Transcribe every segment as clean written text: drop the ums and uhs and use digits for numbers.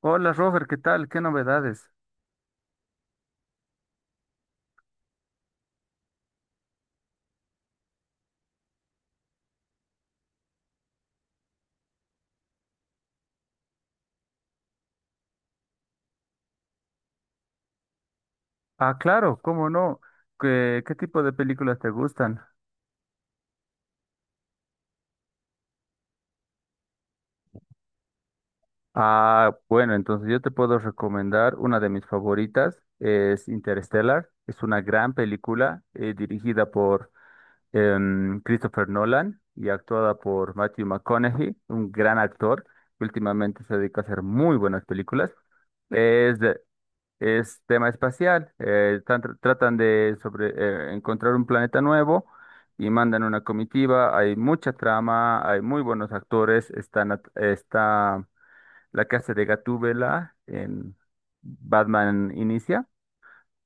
Hola Robert, ¿qué tal? ¿Qué novedades? Ah, claro, ¿cómo no? ¿Qué tipo de películas te gustan? Ah, bueno, entonces yo te puedo recomendar una de mis favoritas, es Interstellar. Es una gran película dirigida por Christopher Nolan y actuada por Matthew McConaughey, un gran actor que últimamente se dedica a hacer muy buenas películas. Es de- es tema espacial. Tratan de sobre encontrar un planeta nuevo y mandan una comitiva. Hay mucha trama, hay muy buenos actores. Está la que hace de Gatúbela en Batman Inicia.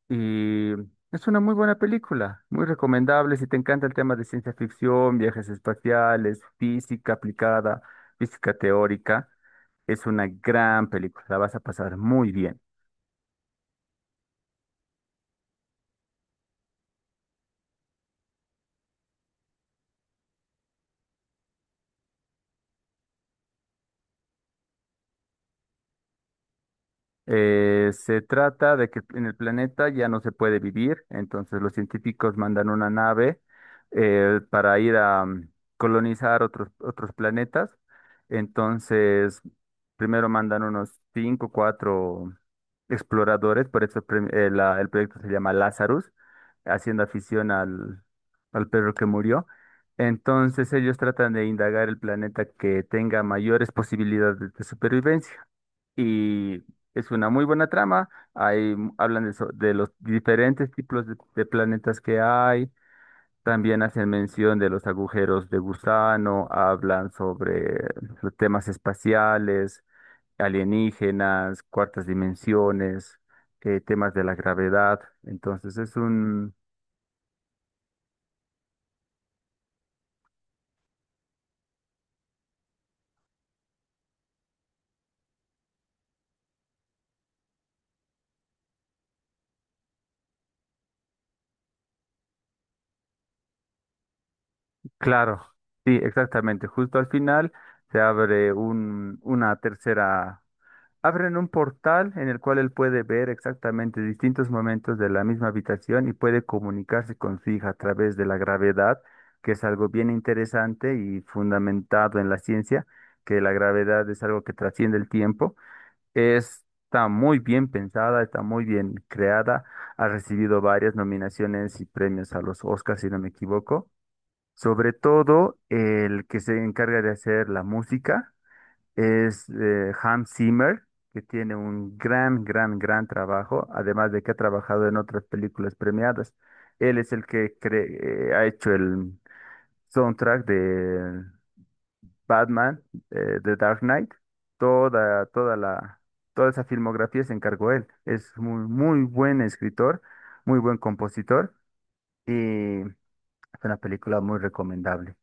Y es una muy buena película, muy recomendable. Si te encanta el tema de ciencia ficción, viajes espaciales, física aplicada, física teórica, es una gran película. La vas a pasar muy bien. Se trata de que en el planeta ya no se puede vivir, entonces los científicos mandan una nave para ir a colonizar otros planetas. Entonces, primero mandan unos cinco, o cuatro exploradores, por eso el proyecto se llama Lazarus, haciendo afición al, al perro que murió. Entonces ellos tratan de indagar el planeta que tenga mayores posibilidades de supervivencia y es una muy buena trama. Ahí hablan de los diferentes tipos de planetas que hay. También hacen mención de los agujeros de gusano, hablan sobre los temas espaciales, alienígenas, cuartas dimensiones, temas de la gravedad. Entonces es un... Claro, sí, exactamente. Justo al final se abre un, una tercera. Abren un portal en el cual él puede ver exactamente distintos momentos de la misma habitación y puede comunicarse con su hija a través de la gravedad, que es algo bien interesante y fundamentado en la ciencia, que la gravedad es algo que trasciende el tiempo. Está muy bien pensada, está muy bien creada, ha recibido varias nominaciones y premios a los Oscars, si no me equivoco. Sobre todo el que se encarga de hacer la música es Hans Zimmer, que tiene un gran trabajo, además de que ha trabajado en otras películas premiadas. Él es el que ha hecho el soundtrack de Batman, The Dark Knight. Toda, toda la, toda esa filmografía se encargó él. Es muy buen escritor, muy buen compositor y es una película muy recomendable.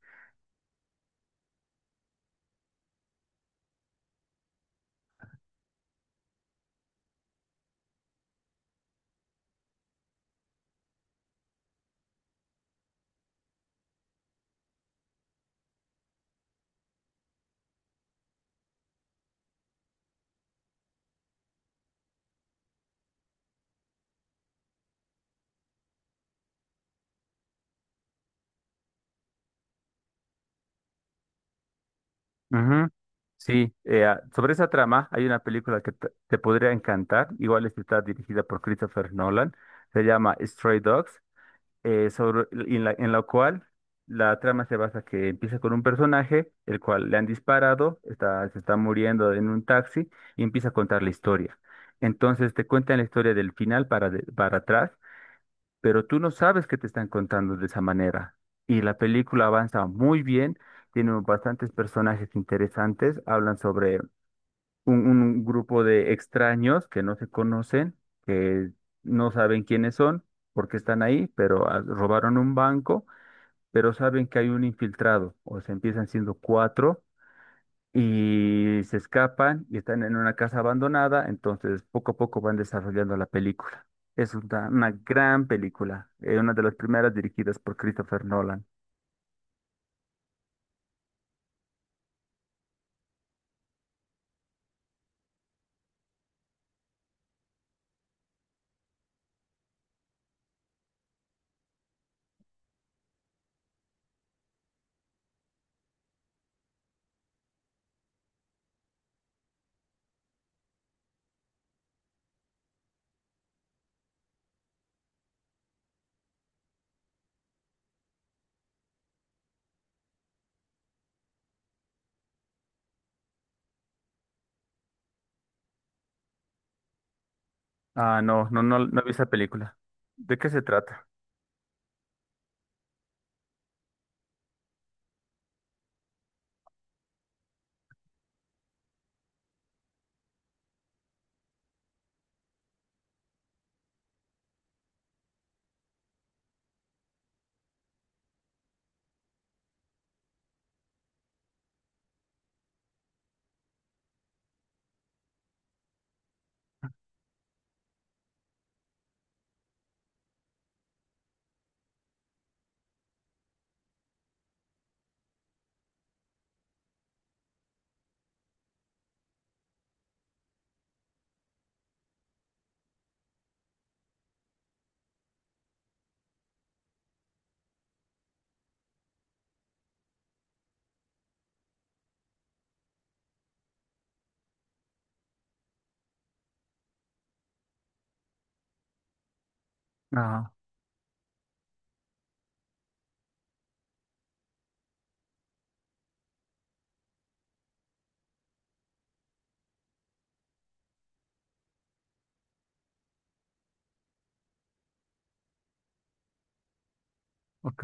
Ujú. Sí, sobre esa trama hay una película que te podría encantar, igual esta está dirigida por Christopher Nolan, se llama Stray Dogs, sobre, en la cual la trama se basa que empieza con un personaje, el cual le han disparado, se está muriendo en un taxi y empieza a contar la historia. Entonces te cuentan la historia del final para atrás, pero tú no sabes que te están contando de esa manera. Y la película avanza muy bien, tiene bastantes personajes interesantes, hablan sobre un grupo de extraños que no se conocen, que no saben quiénes son, porque están ahí, pero robaron un banco, pero saben que hay un infiltrado, o se empiezan siendo cuatro y se escapan y están en una casa abandonada, entonces poco a poco van desarrollando la película. Es una gran película, una de las primeras dirigidas por Christopher Nolan. Ah, no, no, no, no vi esa película. ¿De qué se trata? Ah, ok.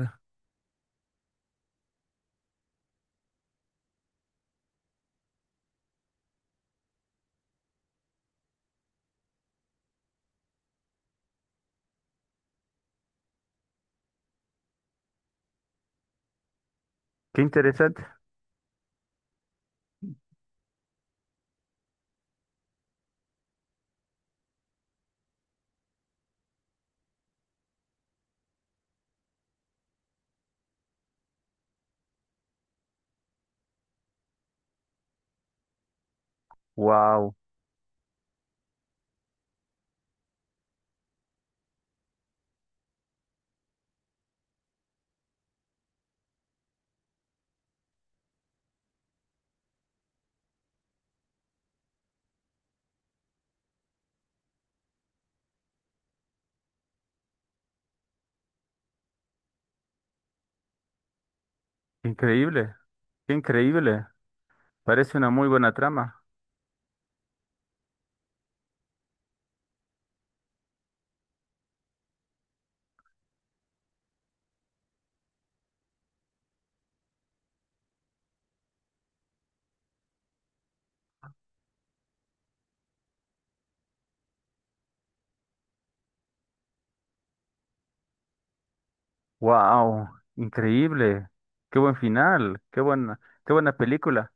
Qué interesante. Wow, increíble, qué increíble. Parece una muy buena trama. Wow, increíble. Qué buen final, qué buena película.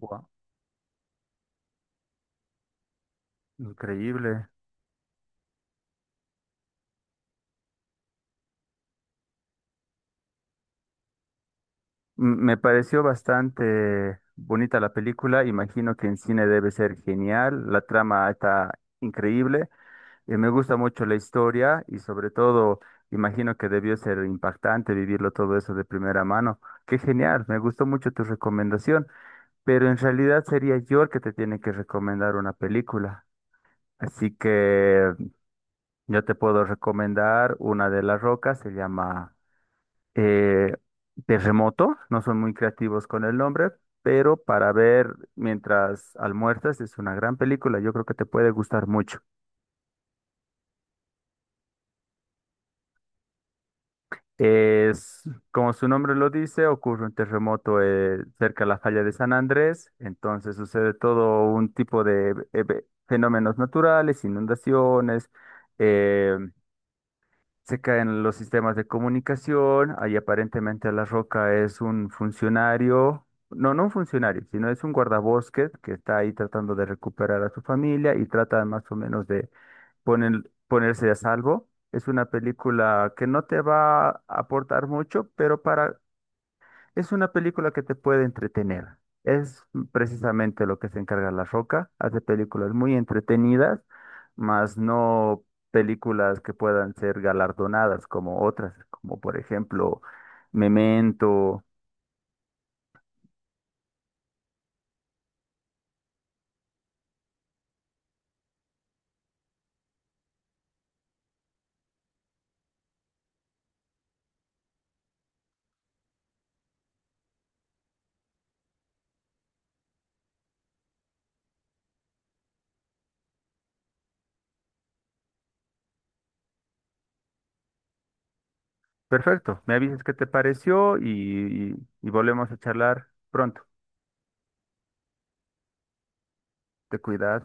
Wow, increíble. Me pareció bastante bonita la película, imagino que en cine debe ser genial, la trama está increíble, y me gusta mucho la historia y sobre todo imagino que debió ser impactante vivirlo todo eso de primera mano. Qué genial, me gustó mucho tu recomendación, pero en realidad sería yo el que te tiene que recomendar una película. Así que yo te puedo recomendar una de las rocas, se llama eh, Terremoto, no son muy creativos con el nombre, pero para ver mientras almuerzas es una gran película, yo creo que te puede gustar mucho. Es, como su nombre lo dice, ocurre un terremoto cerca de la falla de San Andrés, entonces sucede todo un tipo de fenómenos naturales, inundaciones, eh, se caen los sistemas de comunicación. Ahí aparentemente La Roca es un funcionario, no un funcionario, sino es un guardabosques que está ahí tratando de recuperar a su familia y trata más o menos de ponerse a salvo. Es una película que no te va a aportar mucho, pero para es una película que te puede entretener. Es precisamente lo que se encarga La Roca. Hace películas muy entretenidas, mas no películas que puedan ser galardonadas como otras, como por ejemplo Memento. Perfecto, me avisas qué te pareció y volvemos a charlar pronto. Te cuidas.